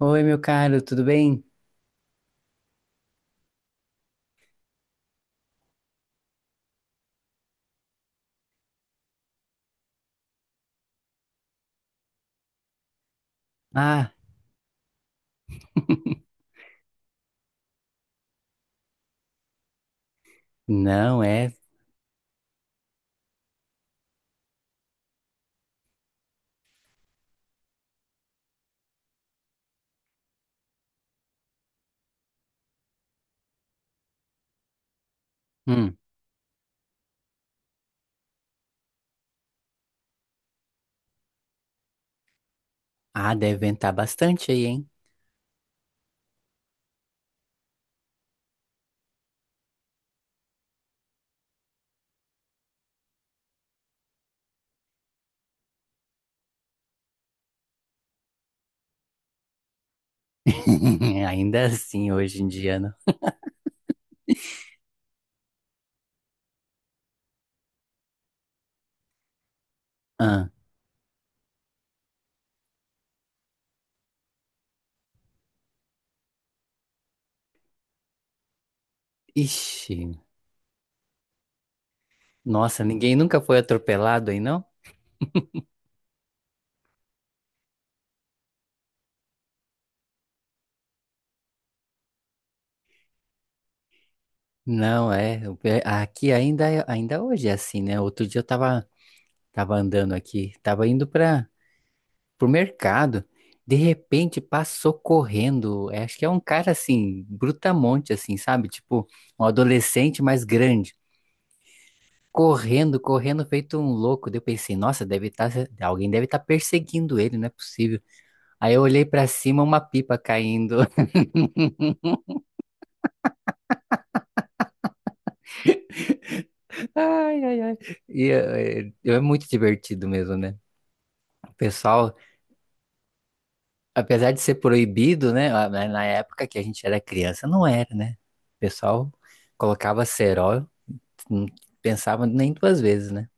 Oi, meu caro, tudo bem? Ah, não é. Hum. Ah, deve ventar bastante aí, hein? Ainda assim, hoje em dia, não. Ah, ixi, nossa, ninguém nunca foi atropelado aí, não? Não, é. Aqui ainda, ainda hoje é assim, né? Outro dia eu tava, tava andando aqui, tava indo para pro mercado. De repente passou correndo. Acho que é um cara assim, brutamonte, assim, sabe? Tipo, um adolescente mais grande, correndo, correndo, feito um louco. Daí eu pensei, nossa, deve estar, alguém deve estar perseguindo ele, não é possível. Aí eu olhei pra cima, uma pipa caindo. Ai, ai, ai. E é muito divertido mesmo, né? O pessoal, apesar de ser proibido, né? Na época que a gente era criança, não era, né? O pessoal colocava cerol, não pensava nem duas vezes, né?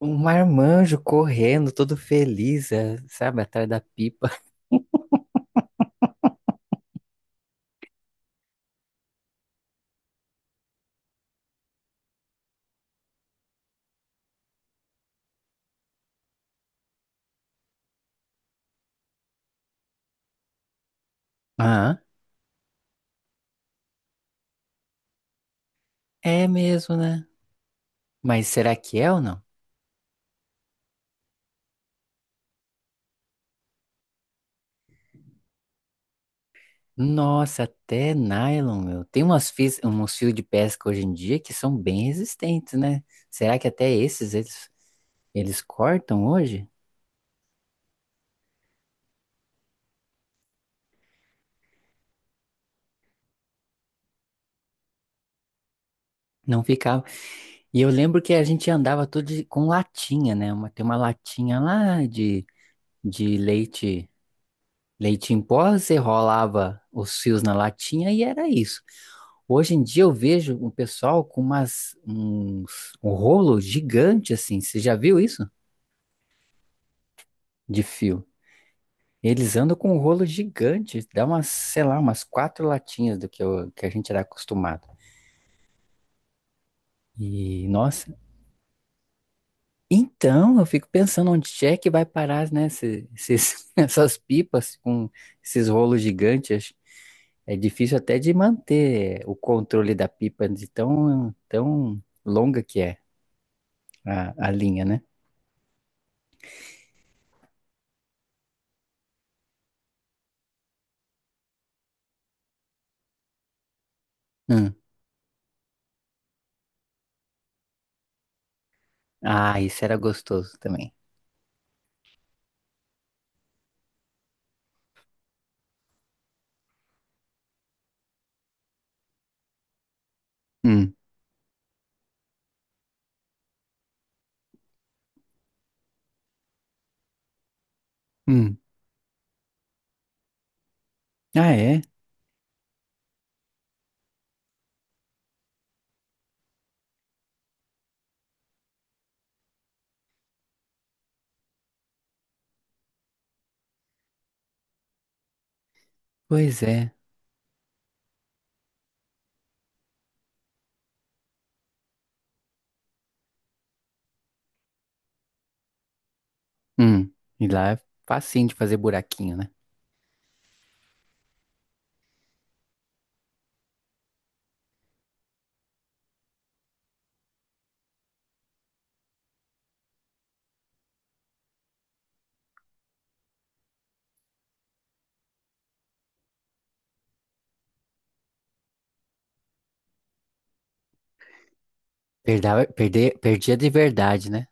Um marmanjo correndo, todo feliz, sabe, atrás da pipa. Aham. É mesmo, né? Mas será que é ou não? Nossa, até nylon, meu. Tem umas fios, uns fios de pesca hoje em dia que são bem resistentes, né? Será que até eles cortam hoje? Não ficava. E eu lembro que a gente andava tudo com latinha, né? Uma, tem uma latinha lá de leite, leite em pó, você rolava os fios na latinha e era isso. Hoje em dia eu vejo um pessoal com um rolo gigante assim. Você já viu isso? De fio. Eles andam com um rolo gigante, dá umas, sei lá, umas quatro latinhas do que a gente era acostumado. E, nossa, então eu fico pensando onde é que vai parar, né, essas pipas com esses rolos gigantes. Acho- É difícil até de manter o controle da pipa de tão longa que é a linha, né? Hum. Ah, isso era gostoso também. Hum. Hum. Ah, é? Pois é. Hum. E lá é facinho de fazer buraquinho, né? Perdia de verdade, né?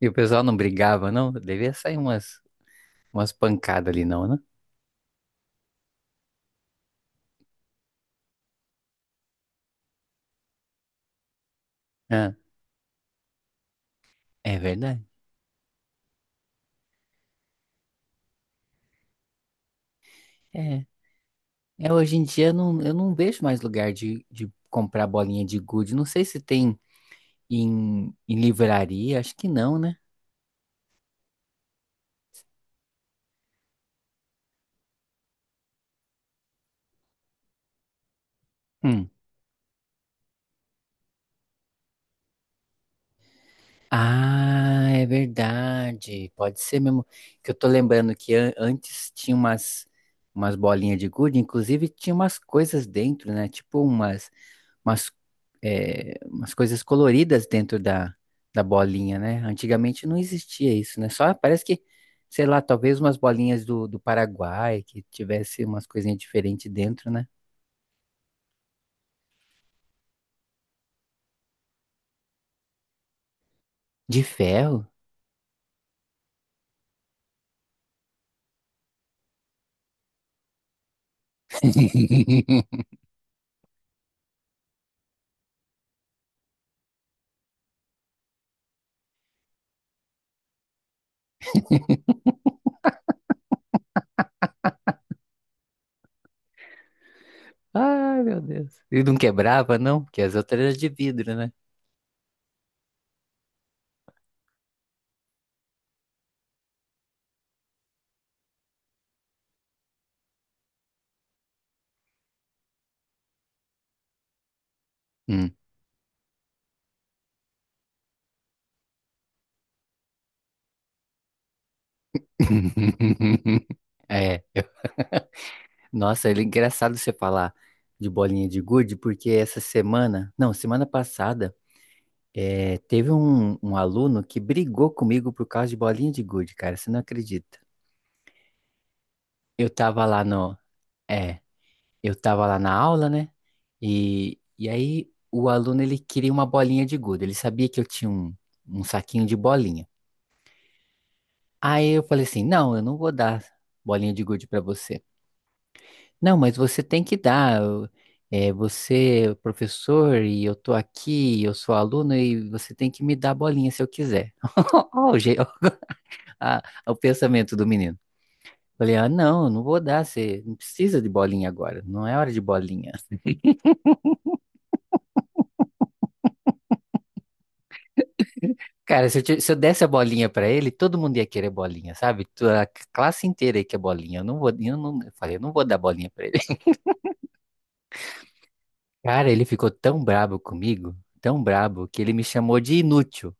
E o pessoal não brigava, não? Devia sair umas, umas pancadas ali, não, né? Ah, é verdade. É. É, hoje em dia eu não vejo mais lugar de comprar bolinha de gude. Não sei se tem em, em livraria, acho que não, né? Hum. Ah, é verdade. Pode ser mesmo. Que eu tô lembrando que antes tinha umas, umas bolinhas de gude, inclusive tinha umas coisas dentro, né? Tipo umas, umas, umas coisas coloridas dentro da, da bolinha, né? Antigamente não existia isso, né? Só parece que, sei lá, talvez umas bolinhas do, do Paraguai que tivesse umas coisinhas diferentes dentro, né? De ferro? Ai, meu Deus. E não quebrava, não? Porque as outras eram de vidro, né? Hum. É. Nossa, é engraçado você falar de bolinha de gude, porque essa semana, não, semana passada, teve um, um aluno que brigou comigo por causa de bolinha de gude, cara, você não acredita. Eu tava lá no, é, eu tava lá na aula, né? E aí o aluno, ele queria uma bolinha de gude, ele sabia que eu tinha um, um saquinho de bolinha. Aí eu falei assim, não, eu não vou dar bolinha de gude pra você. Não, mas você tem que dar. É, você é o professor e eu tô aqui, eu sou aluno e você tem que me dar bolinha se eu quiser. Ó, o pensamento do menino. Falei, ah, não, eu não vou dar, você não precisa de bolinha agora, não é hora de bolinha. Cara, se eu desse a bolinha pra ele, todo mundo ia querer bolinha, sabe? Classe inteira ia querer bolinha. Eu falei, eu não vou dar bolinha pra ele. Cara, ele ficou tão brabo comigo, tão brabo, que ele me chamou de inútil.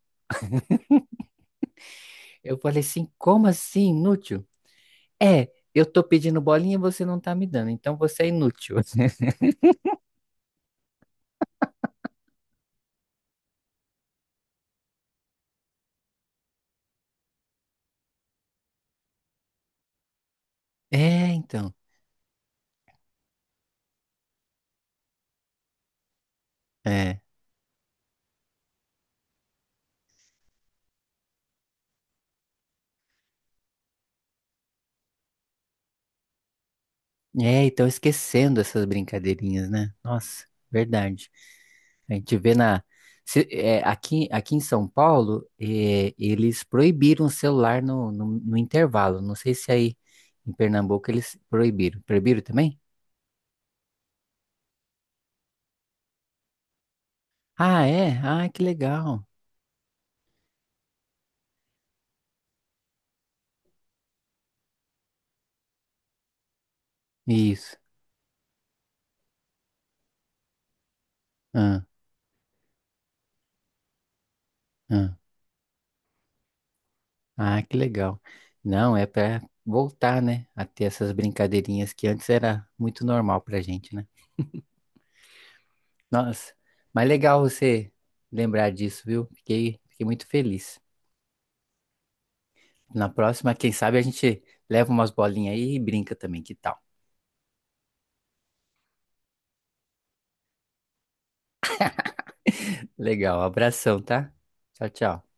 Eu falei assim, como assim, inútil? É, eu tô pedindo bolinha e você não tá me dando, então você é inútil. É, então. É. É, então esquecendo essas brincadeirinhas, né? Nossa, verdade. A gente vê na. Aqui, aqui em São Paulo, eles proibiram o celular no intervalo. Não sei se aí em Pernambuco eles proibiram. Proibiram também? Ah, é? Ah, que legal. Isso. Ah, ah. Ah, que legal. Não, é para voltar, né, a ter essas brincadeirinhas que antes era muito normal pra gente, né? Nossa, mas legal você lembrar disso, viu? Fiquei, fiquei muito feliz. Na próxima, quem sabe a gente leva umas bolinhas aí e brinca também, que tal? Legal, abração, tá? Tchau, tchau.